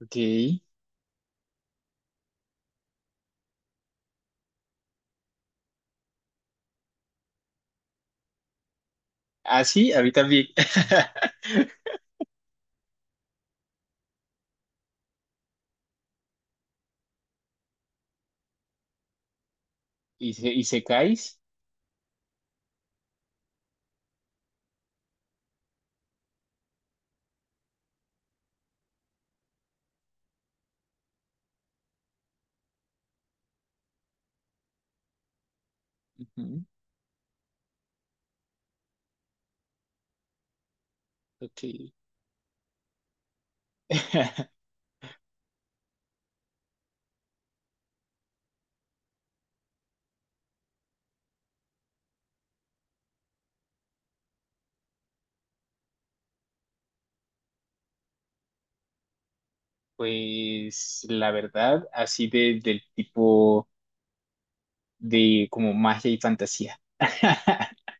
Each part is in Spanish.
Ok. Ah, sí, a mí también. ¿Y secáis? Ujú. Ok. Pues la verdad, así de, del tipo de como magia y fantasía.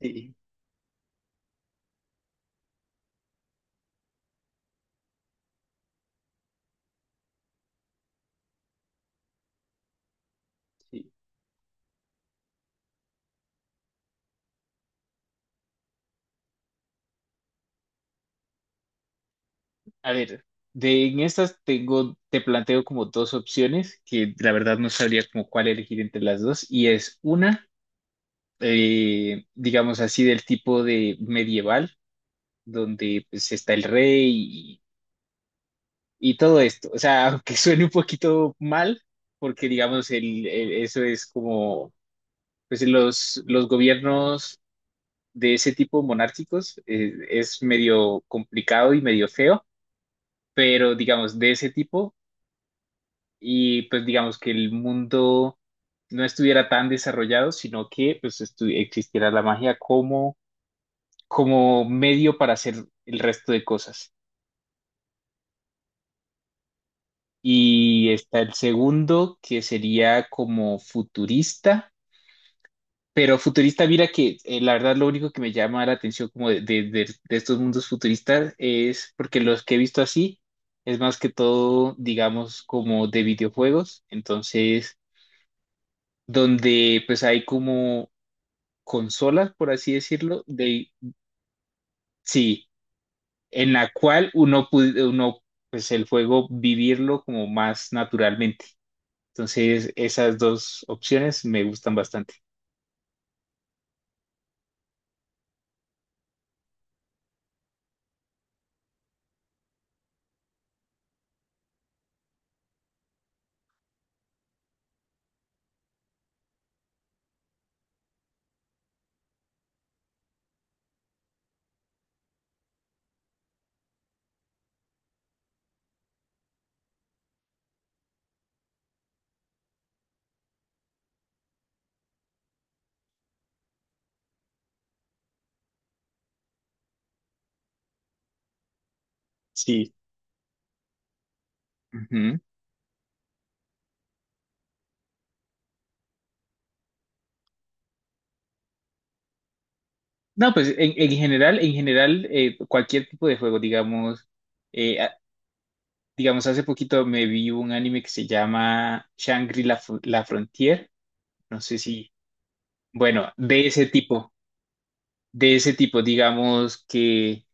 Sí, sí. A ver, de en estas tengo, te planteo como dos opciones que la verdad no sabría como cuál elegir entre las dos. Y es una, digamos así, del tipo de medieval, donde pues está el rey y todo esto. O sea, aunque suene un poquito mal, porque digamos, eso es como, pues los gobiernos de ese tipo monárquicos, es medio complicado y medio feo, pero digamos, de ese tipo, y pues digamos que el mundo no estuviera tan desarrollado, sino que pues existiera la magia como, como medio para hacer el resto de cosas. Y está el segundo, que sería como futurista. Pero futurista, mira que, la verdad lo único que me llama la atención como de estos mundos futuristas es porque los que he visto así es más que todo, digamos, como de videojuegos, entonces, donde pues hay como consolas, por así decirlo, de, sí, en la cual uno pues el juego vivirlo como más naturalmente. Entonces, esas dos opciones me gustan bastante. Sí. No, pues en general, cualquier tipo de juego, digamos, eh, a- digamos, hace poquito me vi un anime que se llama Shangri-La Fr- La Frontier, no sé si, bueno, de ese tipo, digamos que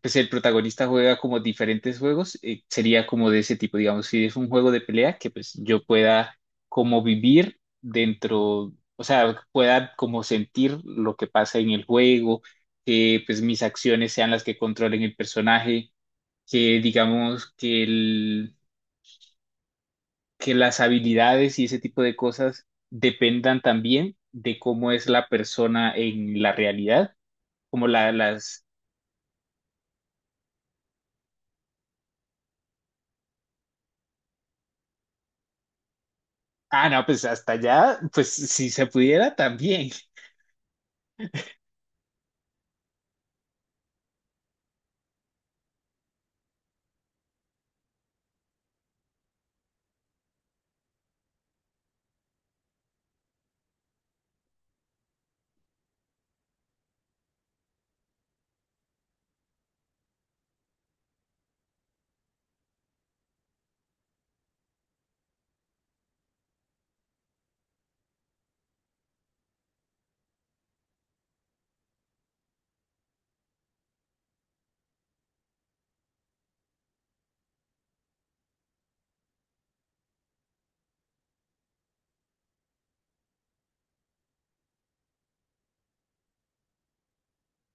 pues el protagonista juega como diferentes juegos, sería como de ese tipo, digamos, si es un juego de pelea, que pues yo pueda como vivir dentro, o sea, pueda como sentir lo que pasa en el juego, que pues mis acciones sean las que controlen el personaje, que digamos que, el, que las habilidades y ese tipo de cosas dependan también de cómo es la persona en la realidad, como la, las. Ah, no, pues hasta allá, pues si se pudiera también.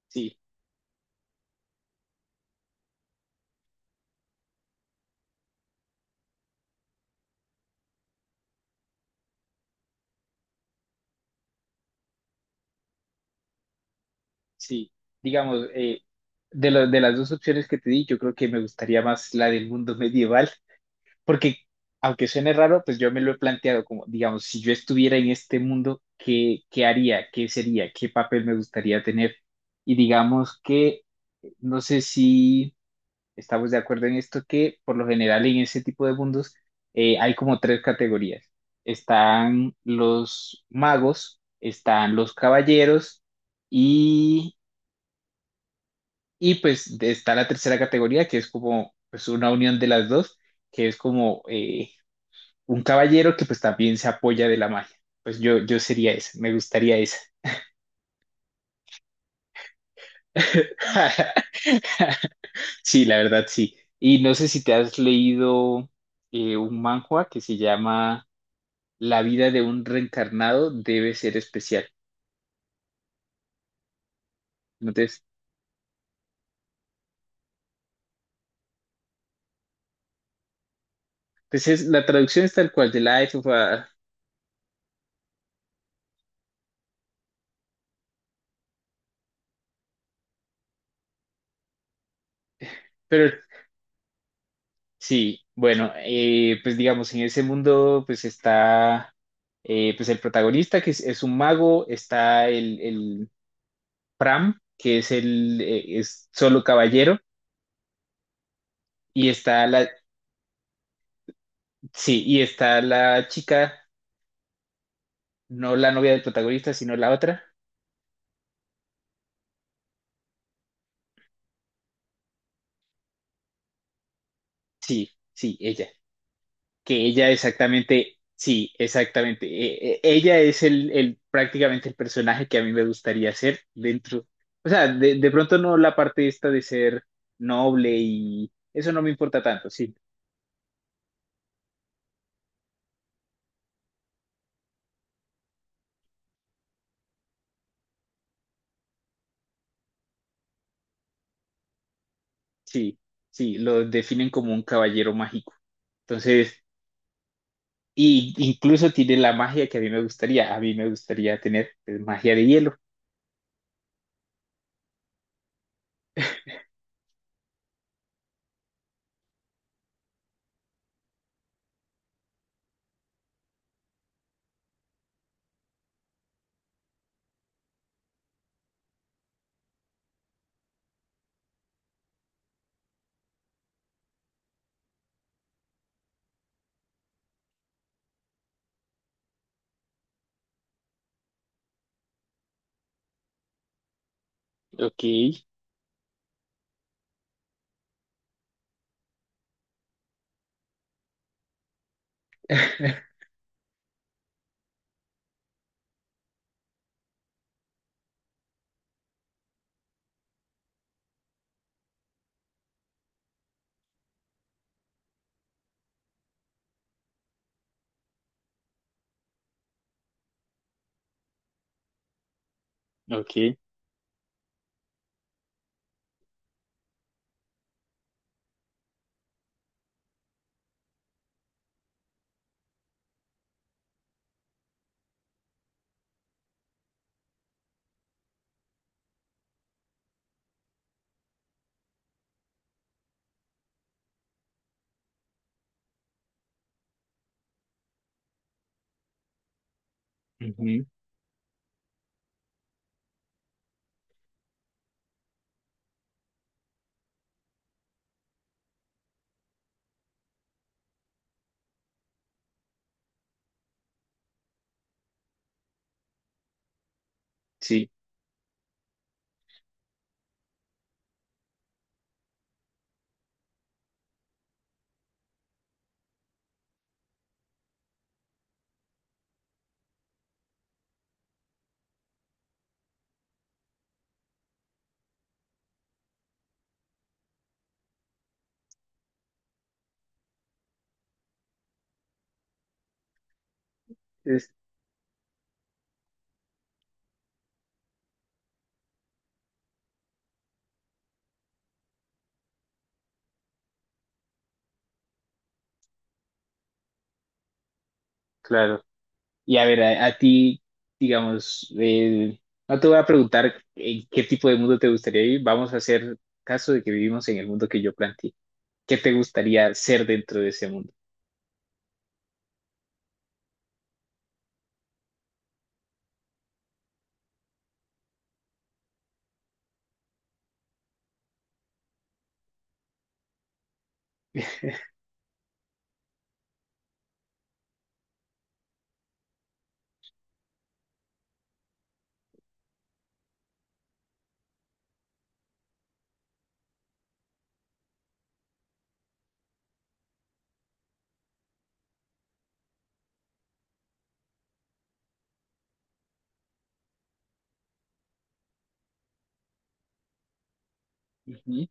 Sí, sí. Digamos, de las dos opciones que te di, yo creo que me gustaría más la del mundo medieval, porque aunque suene raro, pues yo me lo he planteado como, digamos, si yo estuviera en este mundo, ¿qué, qué haría? ¿Qué sería? ¿Qué papel me gustaría tener? Y digamos que, no sé si... Estamos de acuerdo en esto que por lo general en ese tipo de mundos, hay como tres categorías. Están los magos, están los caballeros y, está la tercera categoría que es como pues una unión de las dos, que es como, un caballero que pues también se apoya de la magia. Pues yo sería esa, me gustaría esa. Sí, la verdad sí. Y no sé si te has leído, un manhwa que se llama... La vida de un reencarnado debe ser especial. Entonces, pues es, la traducción es tal cual, de Life of a... Pero sí, bueno, pues digamos, en ese mundo pues está, pues el protagonista que es un mago, está el Pram, que es el, es solo caballero, y está la, sí, y está la chica, no la novia del protagonista, sino la otra. Sí, sí, ella. Que ella exactamente, sí, exactamente. Ella es prácticamente el personaje que a mí me gustaría ser dentro. O sea, de pronto no la parte esta de ser noble y eso no me importa tanto, sí, sí, sí, lo definen como un caballero mágico. Entonces, y incluso tiene la magia que a mí me gustaría. A mí me gustaría tener pues, magia de hielo. Ok, ok. Ujú. Sí, es claro. Y a ver, a ti, digamos, no te voy a preguntar en qué tipo de mundo te gustaría vivir, vamos a hacer caso de que vivimos en el mundo que yo planteé. ¿Qué te gustaría ser dentro de ese mundo? Ujú.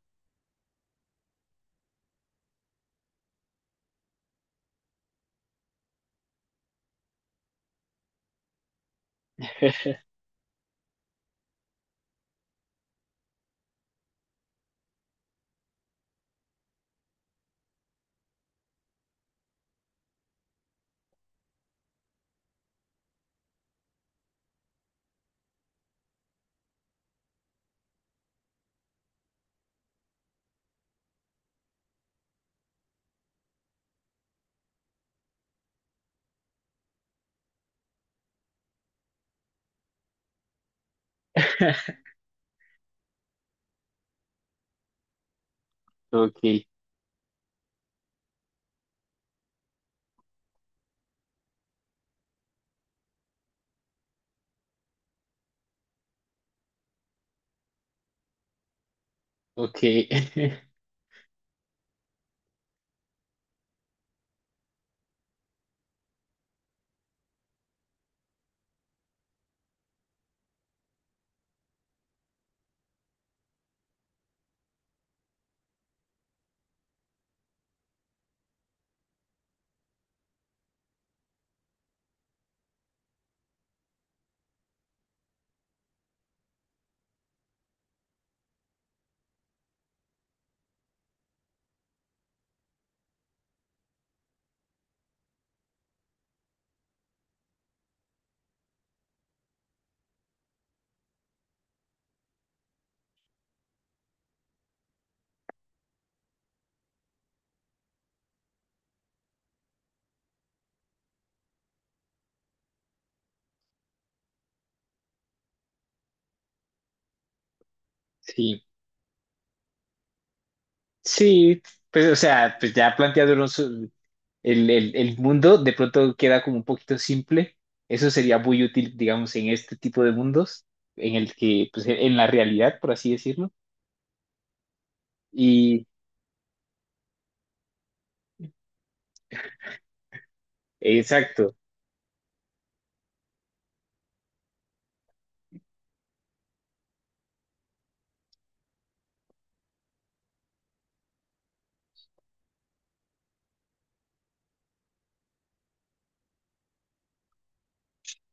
Ok, ok. Sí, sí, pues o sea, pues ya planteándolo su- el mundo de pronto queda como un poquito simple. Eso sería muy útil, digamos, en este tipo de mundos, en el que, pues en la realidad, por así decirlo. Exacto.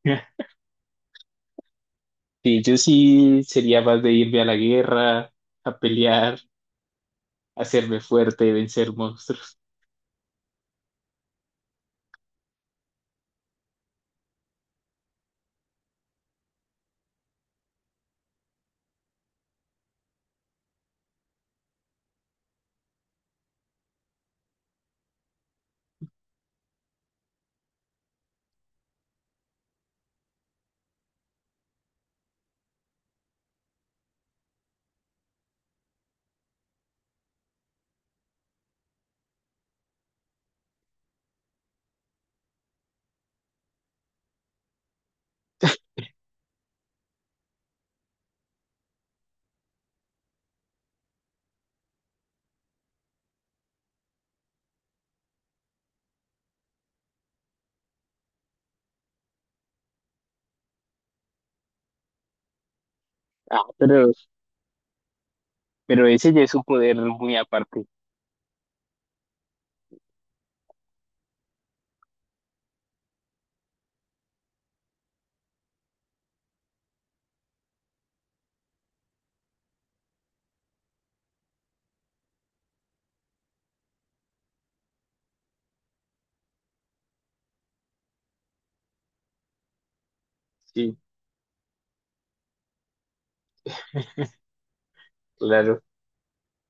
Sí, yo sí sería más de irme a la guerra, a pelear, hacerme fuerte, vencer monstruos. Ah, pero ese ya es un poder muy aparte. Sí, claro.